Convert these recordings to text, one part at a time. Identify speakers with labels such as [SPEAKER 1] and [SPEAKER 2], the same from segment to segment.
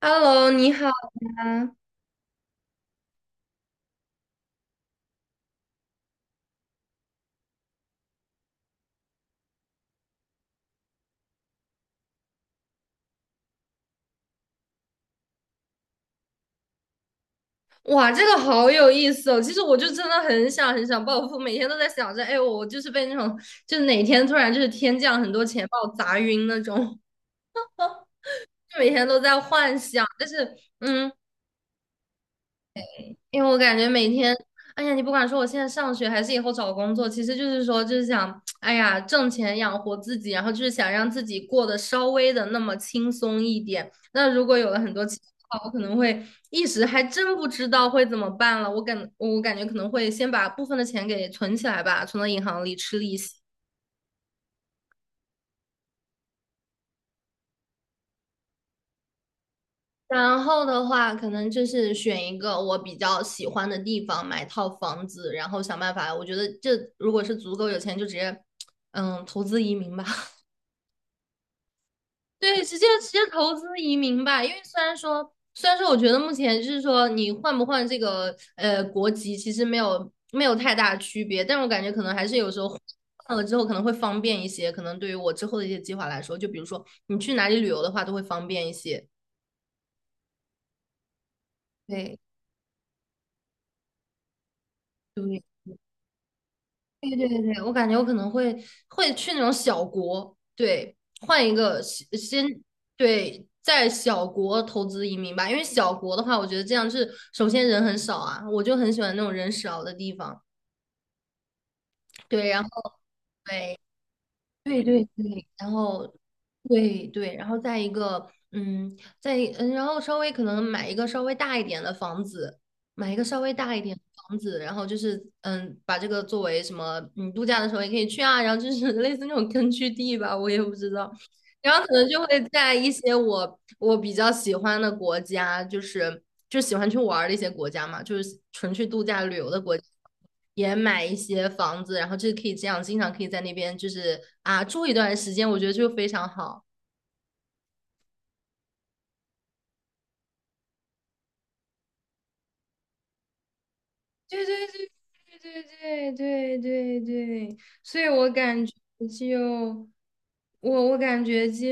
[SPEAKER 1] Hello，你好啊！哇，这个好有意思哦。其实我就真的很想很想暴富，每天都在想着，哎，我就是被那种，就是哪天突然就是天降很多钱把我砸晕那种，就每天都在幻想。但是，嗯，因为我感觉每天，哎呀，你不管说我现在上学还是以后找工作，其实就是说，就是想，哎呀，挣钱养活自己，然后就是想让自己过得稍微的那么轻松一点。那如果有了很多钱的话，我可能会一时还真不知道会怎么办了。我感觉可能会先把部分的钱给存起来吧，存到银行里吃利息。然后的话，可能就是选一个我比较喜欢的地方买套房子，然后想办法。我觉得这如果是足够有钱，就直接，投资移民吧。对，直接投资移民吧。因为虽然说，我觉得目前就是说你换不换这个国籍，其实没有太大区别，但我感觉可能还是有时候换了之后可能会方便一些。可能对于我之后的一些计划来说，就比如说你去哪里旅游的话，都会方便一些。对，对。对对对对，我感觉我可能会去那种小国，对，换一个先先对，在小国投资移民吧，因为小国的话，我觉得这样是首先人很少啊，我就很喜欢那种人少的地方，对，然后对，对对对，然后对对，然后再一个，嗯，再一嗯，然后稍微可能买一个稍微大一点的房子，买一个稍微大一点的房子，然后就是把这个作为什么，度假的时候也可以去啊，然后就是 类似那种根据地吧，我也不知道。然后可能就会在一些我比较喜欢的国家，就喜欢去玩儿的一些国家嘛，就是纯去度假旅游的国家，也买一些房子，然后就是可以这样，经常可以在那边就是啊住一段时间，我觉得就非常好。对对对对对对对对，所以我感觉就我我感觉就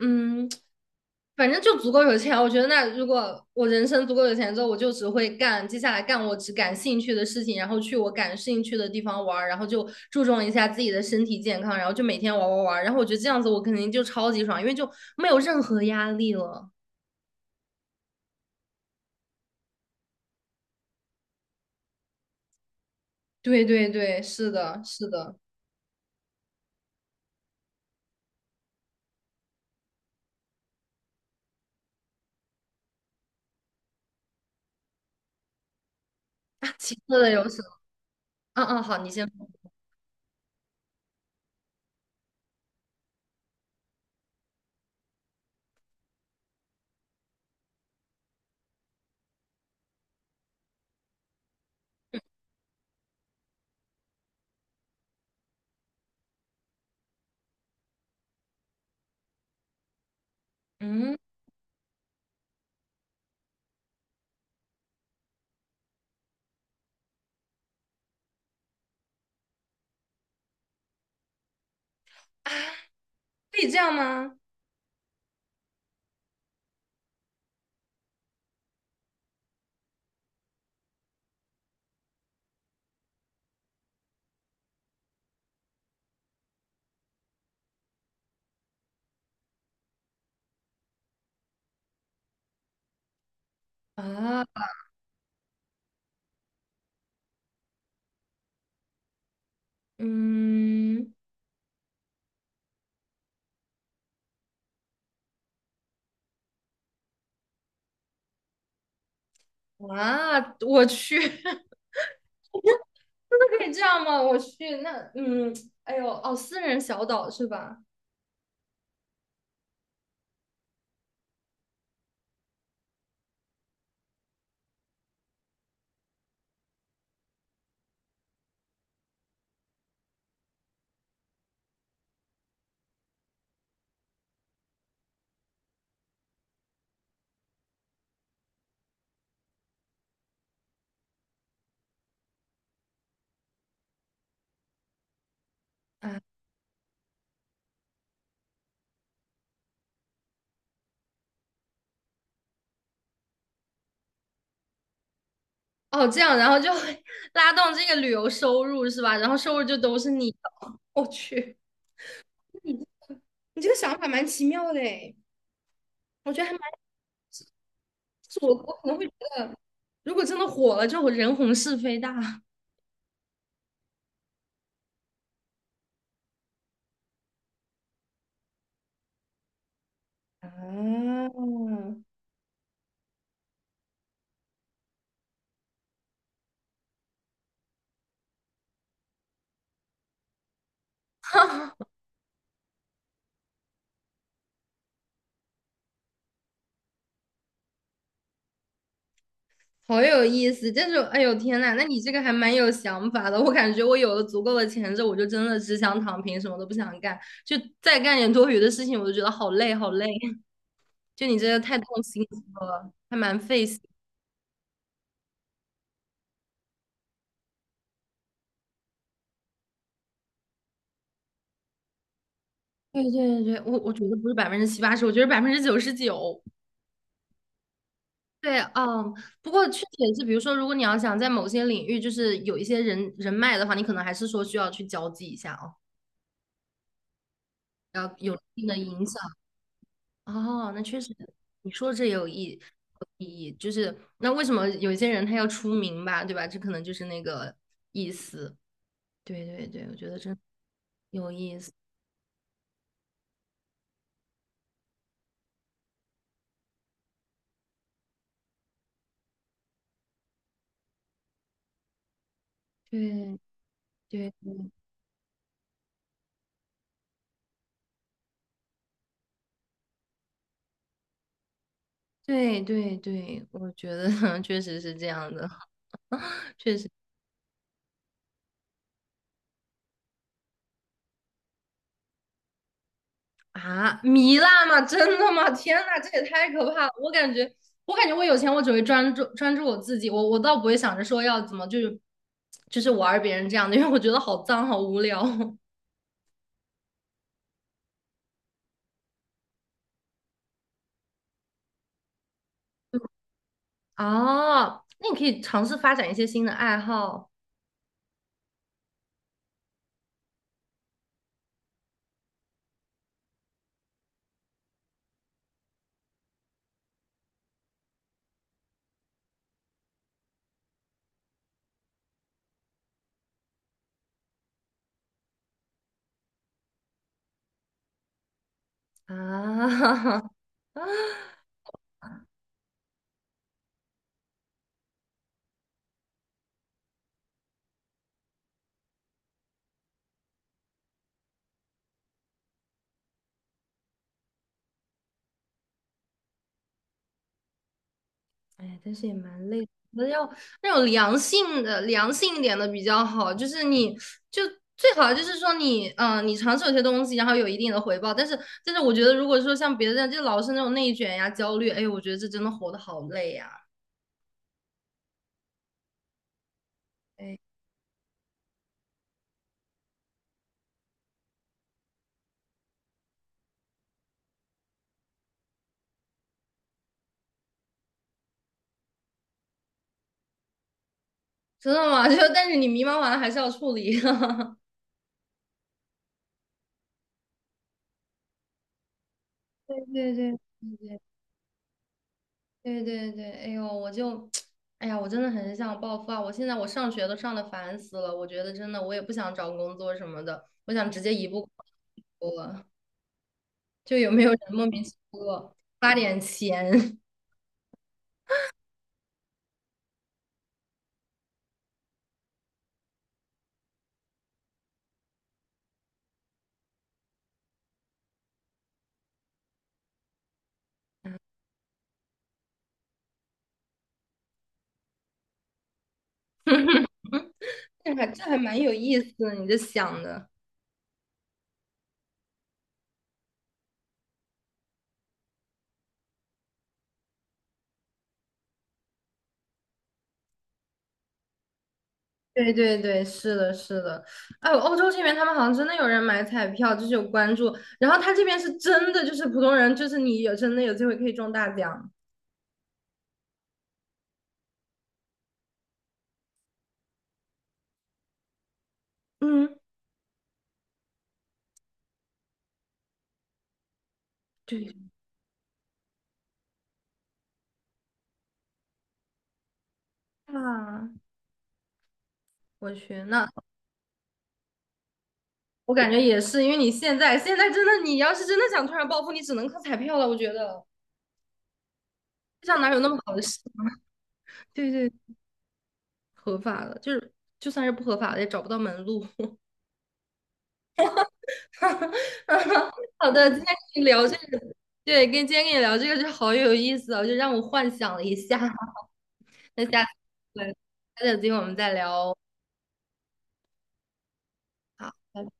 [SPEAKER 1] 嗯，反正就足够有钱。我觉得那如果我人生足够有钱之后，我就只会干接下来干我只感兴趣的事情，然后去我感兴趣的地方玩儿然后就注重一下自己的身体健康，然后就每天玩玩玩儿然后我觉得这样子我肯定就超级爽，因为就没有任何压力了。对对对，是的，是的。啊，其次的游戏。嗯嗯，好，你先。嗯，可以这样吗？啊，嗯，啊，我去，真的可以这样吗？我去，那嗯，哎呦，哦，私人小岛是吧？啊，哦，这样，然后就 拉动这个旅游收入是吧？然后收入就都是你的。我去，你你这个想法蛮奇妙的诶，我觉得还蛮，我可能会觉得，如果真的火了，就人红是非大。啊，好有意思，但是哎呦天呐，那你这个还蛮有想法的。我感觉我有了足够的钱之后，我就真的只想躺平，什么都不想干，就再干点多余的事情，我就觉得好累好累。就你这个太动心思了，还蛮费心。对对对，我觉得不是百分之七八十，我觉得99%。对，不过确实也是，比如说，如果你要想在某些领域就是有一些人脉的话，你可能还是说需要去交际一下哦，要有一定的影响。哦，那确实，你说这有意义，就是那为什么有些人他要出名吧，对吧？这可能就是那个意思。对对对，我觉得真有意思。对对对对对，我觉得 确实是这样的，确实啊，糜烂吗？真的吗？天呐，这也太可怕了！我感觉，我感觉我有钱，我只会专注我自己，我倒不会想着说要怎么就是玩别人这样的，因为我觉得好脏，好无聊。哦，那你可以尝试发展一些新的爱好啊。啊！哎，但是也蛮累的，我觉得要那种良性的、良性一点的比较好。就是你就最好就是说你，你尝试有些东西，然后有一定的回报。但是，我觉得如果说像别的这样，就老是那种内卷呀、焦虑，哎，我觉得这真的活得好累呀。哎，真的吗？就但是你迷茫完了还是要处理。对对对。是这样对对对，哎呦，我就，哎呀，我真的很想暴富啊！我现在我上学都上的烦死了，我觉得真的我也不想找工作什么的，我想直接一步我就有没有人莫名其妙发点钱？这还蛮有意思的，你这想的。对对对，是的，是的。哎，欧洲这边他们好像真的有人买彩票，就是有关注，然后他这边是真的，就是普通人，就是你有真的有机会可以中大奖。嗯，对啊，我去，那。我感觉也是，因为你现在真的，你要是真的想突然暴富，你只能靠彩票了。我觉得世上哪有那么好的事？对对，合法的，就是就算是不合法的，也找不到门路。好的，今天跟你聊这个，对，跟今天跟你聊这个就好有意思啊，就让我幻想了一下。那下次，对，下次有机会我们再聊哦。好，拜拜。